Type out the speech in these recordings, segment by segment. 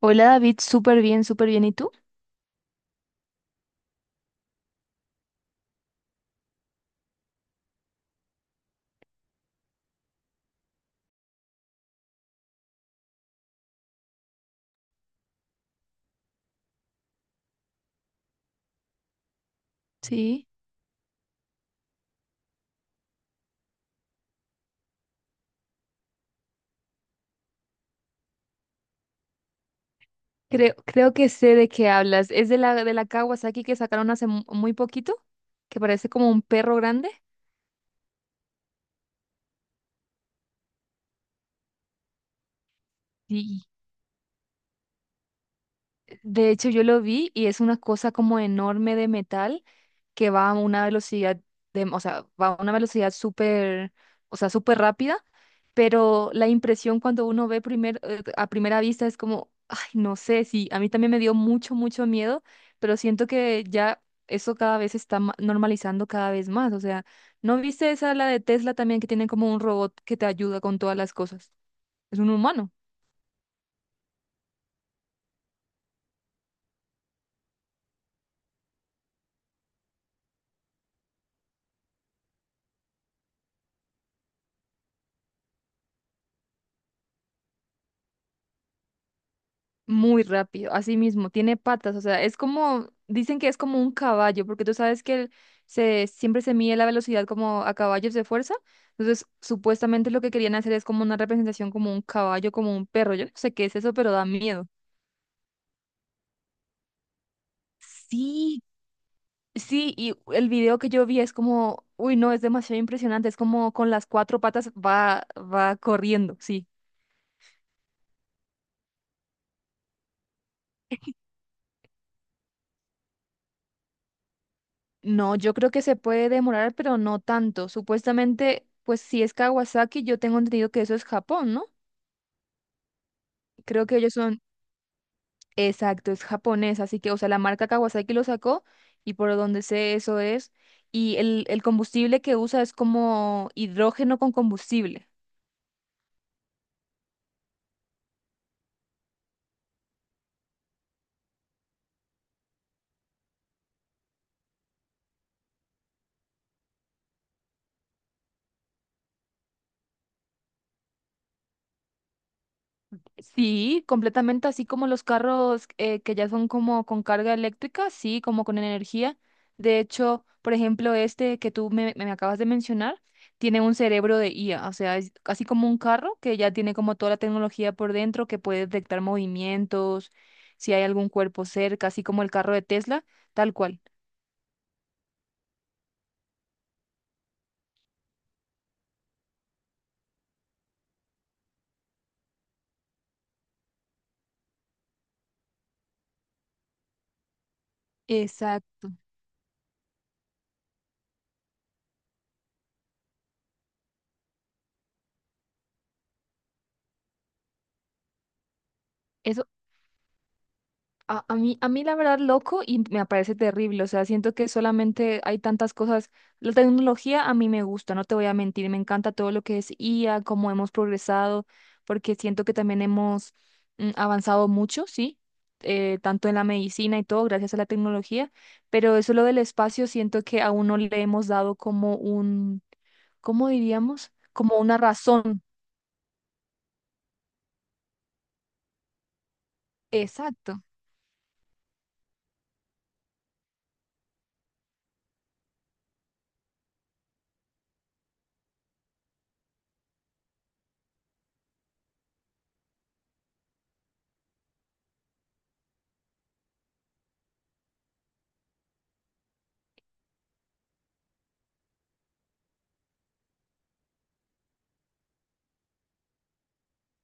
Hola David, súper bien, súper bien. ¿Y tú? Sí, creo, creo que sé de qué hablas. ¿Es de la Kawasaki que sacaron hace muy poquito? Que parece como un perro grande. Sí. De hecho, yo lo vi y es una cosa como enorme de metal que va a una velocidad de, o sea, va a una velocidad súper, o sea, súper rápida, pero la impresión cuando uno ve a primera vista es como, ay, no sé, sí, a mí también me dio mucho, mucho miedo, pero siento que ya eso cada vez se está normalizando cada vez más, o sea, ¿no viste esa la de Tesla también que tienen como un robot que te ayuda con todas las cosas? Es un humano. Muy rápido, así mismo, tiene patas, o sea, es como, dicen que es como un caballo, porque tú sabes que siempre se mide la velocidad como a caballos de fuerza, entonces supuestamente lo que querían hacer es como una representación como un caballo, como un perro, yo no sé qué es eso, pero da miedo. Sí, sí, y el video que yo vi es como, uy, no, es demasiado impresionante, es como con las cuatro patas va, va corriendo, sí. No, yo creo que se puede demorar, pero no tanto. Supuestamente, pues si es Kawasaki, yo tengo entendido que eso es Japón, ¿no? Creo que ellos son, exacto, es japonés, así que, o sea, la marca Kawasaki lo sacó y por donde sé eso es. Y el combustible que usa es como hidrógeno con combustible. Sí, completamente así como los carros que ya son como con carga eléctrica, sí, como con energía. De hecho, por ejemplo, este que me acabas de mencionar, tiene un cerebro de IA, o sea, es así como un carro que ya tiene como toda la tecnología por dentro, que puede detectar movimientos, si hay algún cuerpo cerca, así como el carro de Tesla, tal cual. Exacto. A mí la verdad loco y me parece terrible, o sea, siento que solamente hay tantas cosas, la tecnología a mí me gusta, no te voy a mentir, me encanta todo lo que es IA, cómo hemos progresado, porque siento que también hemos avanzado mucho, ¿sí? Tanto en la medicina y todo, gracias a la tecnología, pero eso lo del espacio, siento que aún no le hemos dado como un, ¿cómo diríamos? Como una razón, exacto.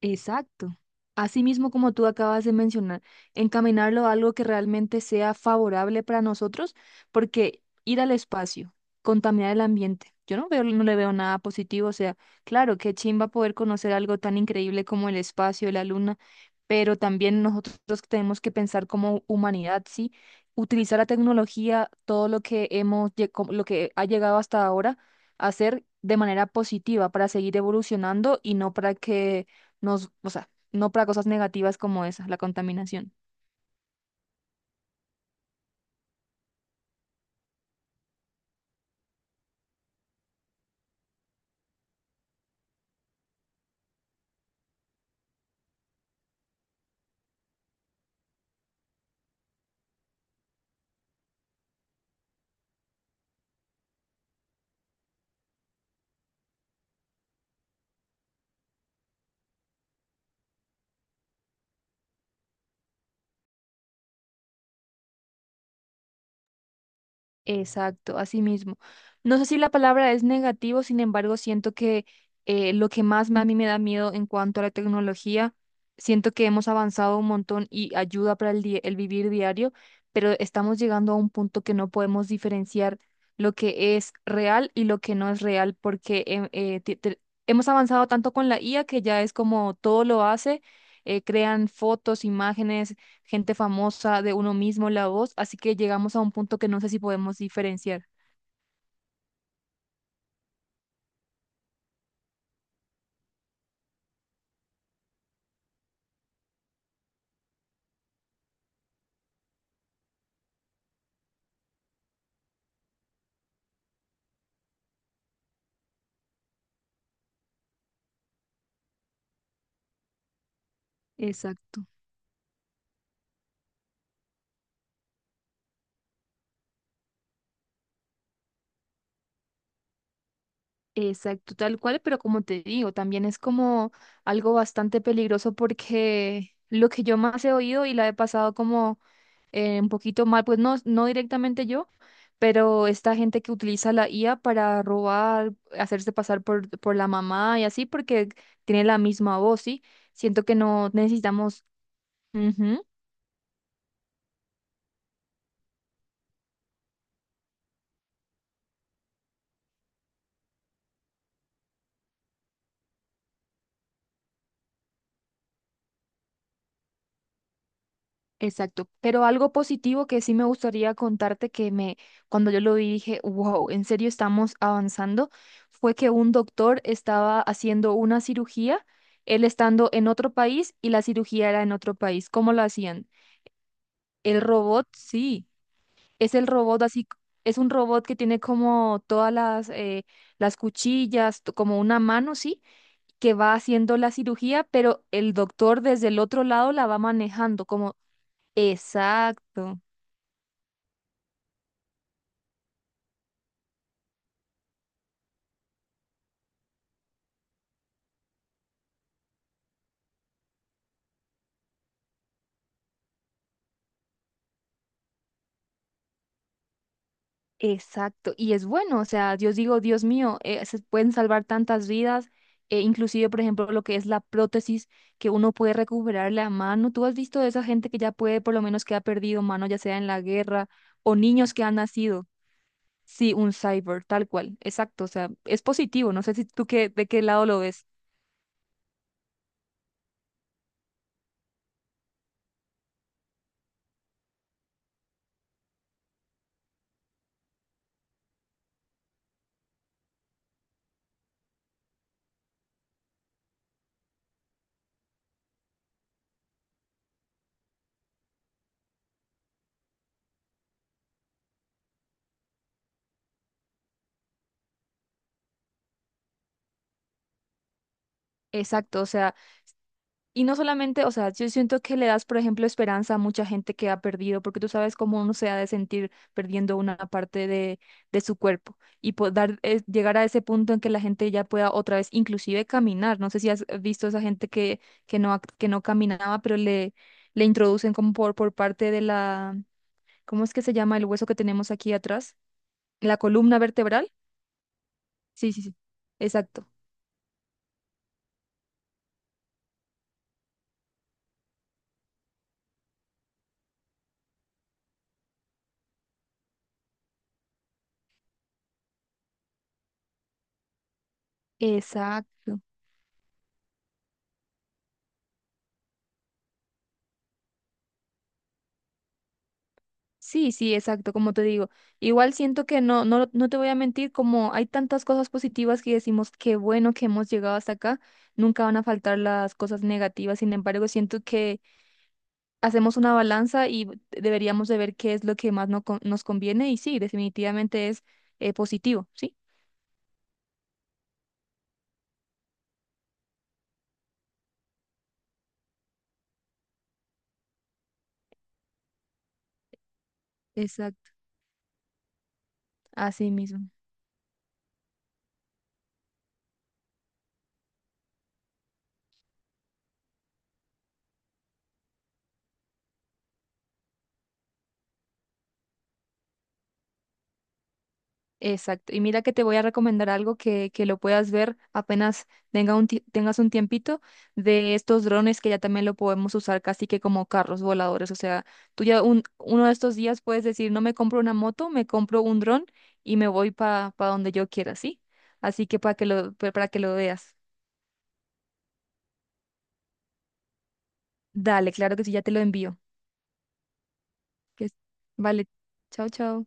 Exacto. Así mismo como tú acabas de mencionar, encaminarlo a algo que realmente sea favorable para nosotros, porque ir al espacio, contaminar el ambiente, yo no veo, no le veo nada positivo, o sea, claro, qué chimba poder conocer algo tan increíble como el espacio, la luna, pero también nosotros tenemos que pensar como humanidad, ¿sí? Utilizar la tecnología, todo lo que hemos, como lo que ha llegado hasta ahora, hacer de manera positiva para seguir evolucionando y no para que o sea, no para cosas negativas como esa, la contaminación. Exacto, así mismo. No sé si la palabra es negativo, sin embargo, siento que lo que más a mí me da miedo en cuanto a la tecnología, siento que hemos avanzado un montón y ayuda para el vivir diario, pero estamos llegando a un punto que no podemos diferenciar lo que es real y lo que no es real, porque hemos avanzado tanto con la IA que ya es como todo lo hace, crean fotos, imágenes gente famosa, de uno mismo la voz, así que llegamos a un punto que no sé si podemos diferenciar. Exacto. Exacto, tal cual, pero como te digo, también es como algo bastante peligroso porque lo que yo más he oído y la he pasado como un poquito mal, pues no, no directamente yo, pero esta gente que utiliza la IA para robar, hacerse pasar por la mamá y así, porque tiene la misma voz, ¿sí? Siento que no necesitamos... Ujú. Exacto, pero algo positivo que sí me gustaría contarte cuando yo lo vi dije, wow, en serio estamos avanzando, fue que un doctor estaba haciendo una cirugía, él estando en otro país y la cirugía era en otro país. ¿Cómo lo hacían? El robot, sí, es el robot así, c- es un robot que tiene como todas las cuchillas, como una mano, sí, que va haciendo la cirugía, pero el doctor desde el otro lado la va manejando, como, exacto. Exacto, y es bueno, o sea, yo digo, Dios mío, se pueden salvar tantas vidas, inclusive, por ejemplo, lo que es la prótesis, que uno puede recuperar la mano. ¿Tú has visto de esa gente que ya puede, por lo menos que ha perdido mano, ya sea en la guerra, o niños que han nacido? Sí, un cyber, tal cual, exacto, o sea, es positivo, no sé si de qué lado lo ves. Exacto, o sea, y no solamente, o sea, yo siento que le das, por ejemplo, esperanza a mucha gente que ha perdido, porque tú sabes cómo uno se ha de sentir perdiendo una parte de su cuerpo y poder llegar a ese punto en que la gente ya pueda otra vez inclusive caminar. No sé si has visto esa gente que, que no caminaba, le introducen como por parte de la, ¿cómo es que se llama el hueso que tenemos aquí atrás? La columna vertebral. Sí, sí, sí. Exacto. Exacto. Sí, sí, exacto, como te digo. Igual siento que no, no, no te voy a mentir, como hay tantas cosas positivas que decimos, qué bueno que hemos llegado hasta acá, nunca van a faltar las cosas negativas. Sin embargo, siento que hacemos una balanza y deberíamos de ver qué es lo que más no con- nos conviene y sí, definitivamente es positivo, ¿sí? Exacto, así mismo. Exacto. Y mira que te voy a recomendar algo que lo puedas ver apenas tengas un tiempito de estos drones que ya también lo podemos usar casi que como carros voladores. O sea, uno de estos días puedes decir, no me compro una moto, me compro un dron y me voy para donde yo quiera, ¿sí? Así que para que para que lo veas. Dale, claro que sí, ya te lo envío. Que vale, chao, chao.